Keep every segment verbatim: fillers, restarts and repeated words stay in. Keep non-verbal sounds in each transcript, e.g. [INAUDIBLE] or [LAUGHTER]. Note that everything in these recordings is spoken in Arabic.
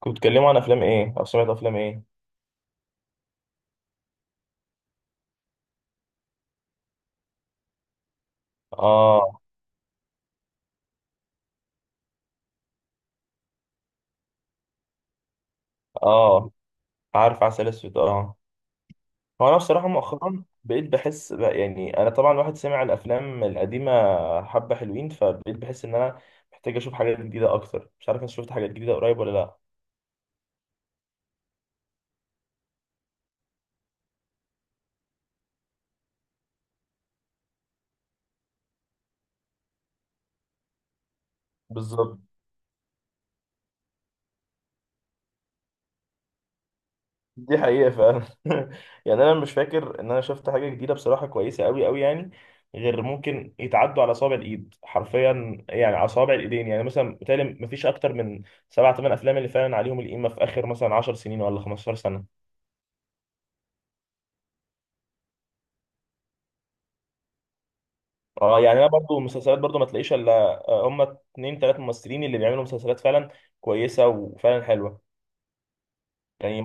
كنت بتتكلموا عن افلام ايه او سمعت افلام ايه؟ اه. اه، عارف عسل اسود، اه. هو انا بصراحه مؤخرا بقيت بحس بقى، يعني انا طبعا واحد سمع الافلام القديمه حبه حلوين، فبقيت بحس ان انا محتاج اشوف حاجات جديده اكتر. مش عارف انت شفت حاجات جديده قريب ولا لا؟ بالظبط. دي حقيقة فعلا. [LAUGHS] يعني أنا مش فاكر إن أنا شفت حاجة جديدة بصراحة كويسة أوي أوي، يعني غير ممكن يتعدوا على أصابع الإيد حرفيا، يعني على أصابع الإيدين. يعني مثلا بتهيألي مفيش أكتر من سبع تمن أفلام اللي فعلا عليهم القيمة في آخر مثلا عشر سنين ولا خمستاشر سنة. أه، يعني أنا برضو مسلسلات، برضو ما تلاقيش إلا آه، هما اتنين تلات ممثلين اللي بيعملوا مسلسلات فعلا كويسة وفعلا حلوة. يعني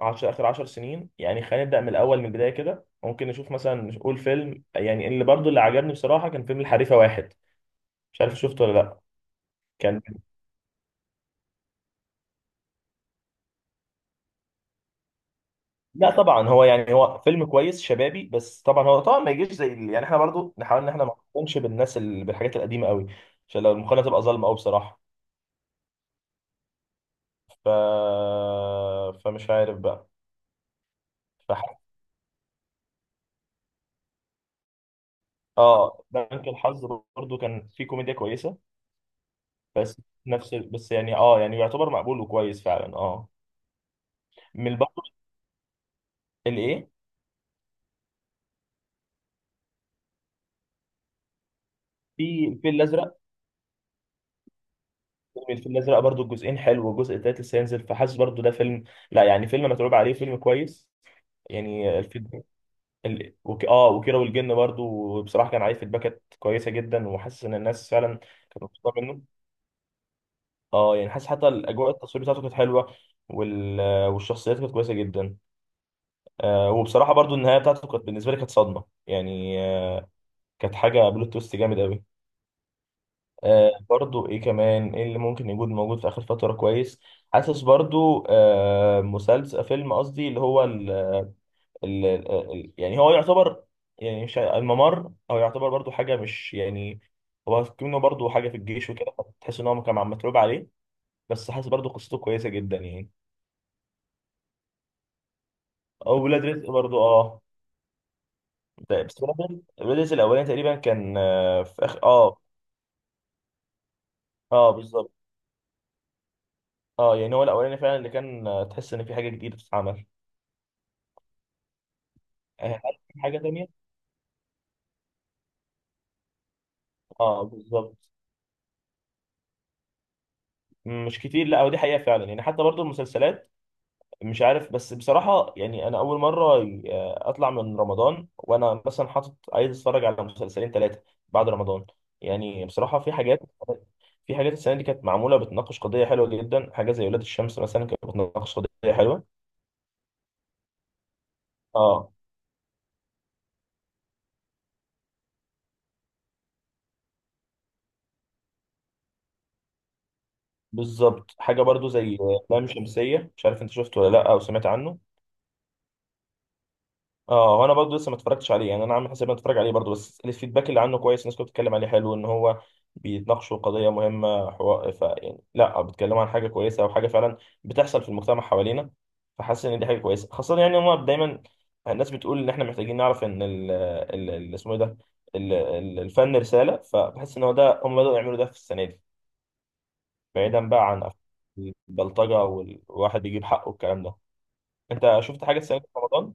عشر آخر عشر سنين، يعني خلينا نبدأ من الأول من البداية كده. ممكن نشوف مثلا، نقول فيلم يعني اللي برضو اللي عجبني بصراحة كان فيلم الحريفة واحد. مش عارف شفته ولا لا؟ كان، لا طبعا هو يعني هو فيلم كويس شبابي، بس طبعا هو طبعا ما يجيش زي ال- يعني احنا برضو نحاول ان احنا ما نقارنش بالناس ال... بالحاجات القديمه قوي، عشان لو المقارنه تبقى ظالمه قوي بصراحه. ف فمش عارف بقى. فح... اه بنك الحظ برضو كان فيه كوميديا كويسه، بس نفس ال- بس يعني اه، يعني يعتبر مقبول وكويس فعلا، اه. من برضو الايه، في الفيل الازرق. فيلم الفيل الازرق برضو الجزئين حلو والجزء التالت لسه هينزل، فحاسس برضو ده فيلم، لا يعني فيلم متعوب عليه، فيلم كويس. يعني الفيد ال... وك... اه، وكيرة والجن برضو بصراحه، كان عارف الباكت كويسه جدا، وحاسس ان الناس فعلا كانت مبسوطه منه. اه يعني حاسس حتى الاجواء، التصوير بتاعته كانت حلوه، وال... والشخصيات كانت كويسه جدا. آه، وبصراحه برضو النهايه بتاعته كانت بالنسبه لي كانت صدمه، يعني آه، كانت حاجه بلوت تويست جامد قوي. آه، برضو ايه كمان، ايه اللي ممكن يكون موجود في اخر فتره كويس؟ حاسس برضو آه مسلسل، فيلم قصدي، اللي هو ال ال ال- يعني هو يعتبر، يعني مش ع- الممر، او يعتبر برضو حاجه، مش يعني هو كأنه برضو حاجه في الجيش وكده. تحس ان هو كان عم متعوب عليه، بس حاسس برضو قصته كويسه جدا يعني. او ولاد رزق برضو اه. ده- بس ولاد رزق، ولاد رزق الاولاني تقريبا كان آه، في اخر، اه. اه بالظبط. اه يعني هو الاولاني فعلا اللي كان آه، تحس ان في حاجه جديده بتتعمل. آه، هل في حاجه تانية؟ اه بالظبط، مش كتير. لا ودي حقيقه فعلا، يعني حتى برضو المسلسلات. مش عارف، بس بصراحة يعني أنا أول مرة ي- أطلع من رمضان وأنا مثلا حاطط عايز أتفرج على مسلسلين ثلاثة بعد رمضان. يعني بصراحة في حاجات، في حاجات السنة دي كانت معمولة بتناقش قضية حلوة جدا، حاجة زي ولاد الشمس مثلا كانت بتناقش قضية حلوة. اه بالظبط. حاجة برضو زي لام شمسية، مش عارف أنت شفته ولا لأ، أو سمعت عنه؟ اه، وانا برضه لسه ما اتفرجتش عليه، يعني انا عامل حساب إني اتفرج عليه برضه، بس الفيدباك اللي عنه كويس، الناس كانت بتتكلم عليه حلو، ان هو بيتناقشوا قضيه مهمه، حوار ف يعني لا بيتكلموا عن حاجه كويسه، او حاجه فعلا بتحصل في المجتمع حوالينا. فحاسس ان دي حاجه كويسه، خاصه يعني هم دايما الناس بتقول ان احنا محتاجين نعرف ان ال ال- ال- اسمه ايه ده، ال- ال- الفن رساله، فبحس ان هو ده هم بدأوا يعملوا ده في السنه دي، بعيدا بقى عن البلطجه والواحد بيجيب حقه والكلام ده. انت شفت حاجه السنه دي في رمضان؟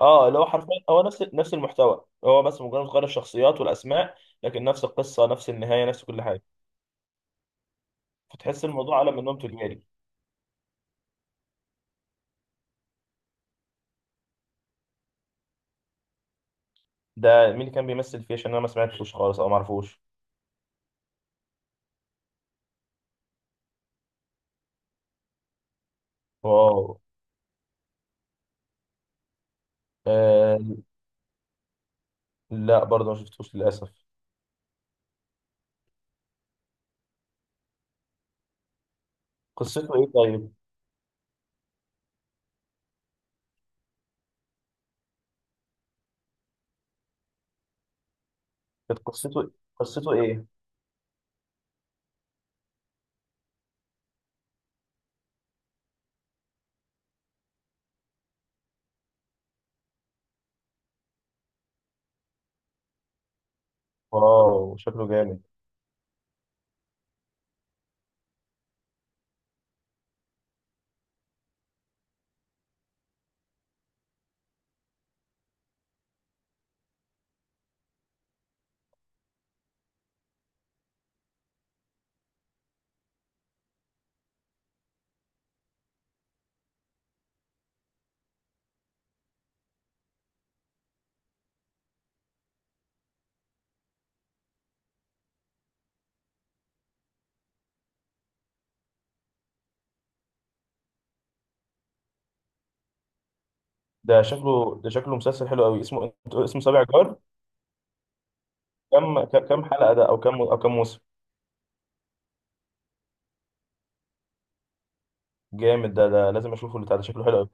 اه، اللي هو حرفيا هو نفس، نفس المحتوى، هو بس مجرد غير الشخصيات والاسماء، لكن نفس القصه، نفس النهايه، نفس كل حاجه. فتحس الموضوع على منهم تجاري. ده مين اللي كان بيمثل فيه؟ عشان انا ما سمعتوش خالص او ما اعرفوش. واو. آه لا برضه ما شفتوش للاسف. قصته ايه طيب؟ كانت قصته، قصته ايه؟ واو شكله جامد ده، شكله ده، شكله مسلسل حلو قوي. اسمه، اسمه سابع جار؟ كم كم حلقه ده، او كم، او كم موسم؟ جامد ده، ده لازم اشوفه، اللي بتاع ده شكله حلو قوي.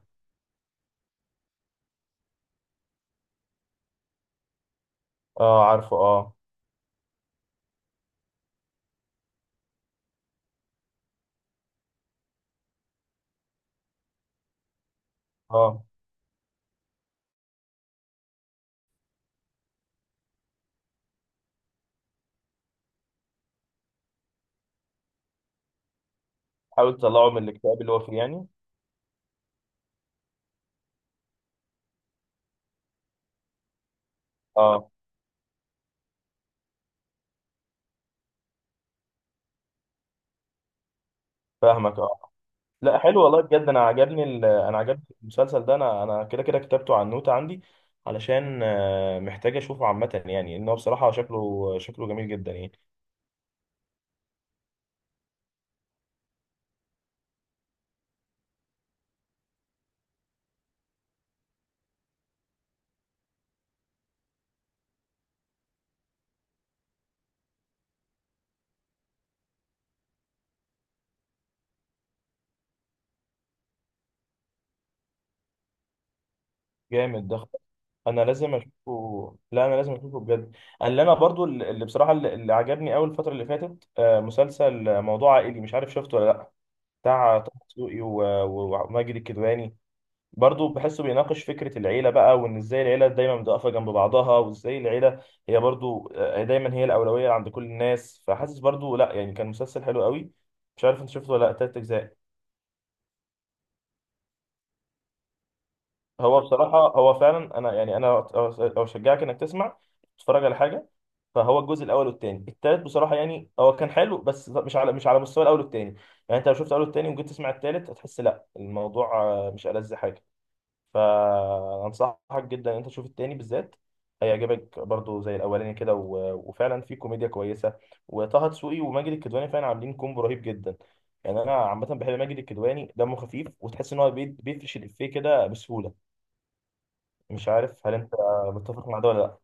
اه عارفه، اه. اه، حاول تطلعه من الاكتئاب اللي هو فيه يعني؟ اه فاهمك، اه. لا حلو والله بجد، انا عجبني ال... انا عجبني المسلسل ده، انا انا كده كده كتبته على النوتة عندي، علشان آه، محتاج اشوفه عامة، يعني ان هو بصراحة شكله، شكله جميل جدا يعني. جامد ده، انا لازم اشوفه، لا انا لازم اشوفه بجد. اللي انا برضو، اللي بصراحة اللي اللي عجبني قوي الفترة اللي فاتت آه، مسلسل موضوع عائلي، مش عارف شفته ولا لا؟ بتاع طه دسوقي و- و- وماجد الكدواني. برضه بحسه بيناقش فكرة العيلة بقى، وإن إزاي العيلة دايما بتقف جنب بعضها، وإزاي العيلة هي برضه آه، دايما هي الأولوية عند كل الناس. فحاسس برضه لأ يعني كان مسلسل حلو قوي. مش عارف أنت شفته ولا لأ، تلات أجزاء. هو بصراحة هو فعلا أنا يعني أنا أو- أو أشجعك إنك تسمع، تتفرج على حاجة. فهو الجزء الأول والتاني، التالت بصراحة يعني هو كان حلو بس مش على، مش على مستوى الأول والتاني. يعني أنت لو شفت الأول والتاني وجيت تسمع التالت هتحس لأ الموضوع آه، مش ألذ حاجة. فانصحك جدا ان انت تشوف التاني بالذات. هيعجبك برضو زي الاولاني كده، و... وفعلا في كوميديا كويسه، وطه دسوقي وماجد الكدواني فعلا عاملين كومبو رهيب جدا. يعني انا عامه بحب ماجد الكدواني، دمه خفيف، وتحس ان هو بي- بيفرش الافيه كده بسهوله. مش عارف هل انت متفق مع ده ولا لا؟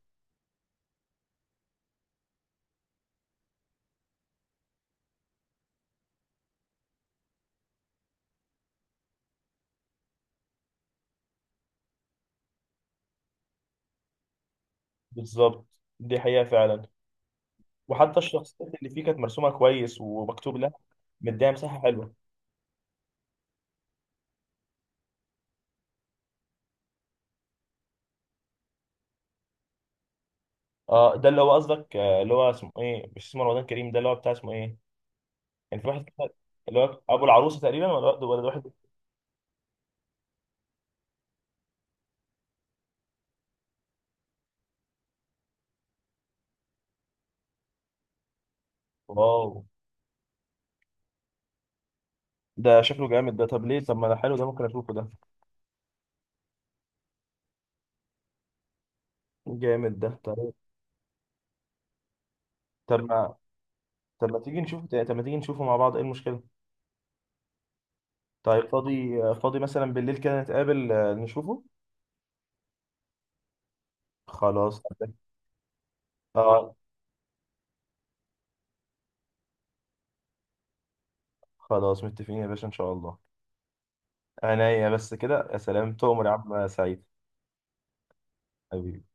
بالظبط، دي حقيقه فعلا. وحتى الشخصيات اللي فيه كانت مرسومه كويس ومكتوب لها، مديها مساحه حلوه. اه، ده اللي هو قصدك آه، اللي هو اسمه ايه؟ مش اسمه رمضان كريم ده، اللي هو بتاع اسمه ايه؟ كان في واحد كده اللي هو ابو العروسه تقريبا، ولا واحد، ولا ده واحد؟ واو ده شكله جامد ده. طب ليه طب، ما ده حلو ده، ممكن اشوفه ده. جامد ده. طب، طب ما طب ما تيجي نشوفه تق- طب ما تيجي نشوفه مع بعض، ايه المشكله؟ طيب فاضي، فاضي مثلا بالليل كده نتقابل آه، نشوفه. خلاص. اه خلاص، متفقين يا باشا ان شاء الله. عينيا، بس كده يا سلام، تؤمر يا عم سعيد، حبيبي.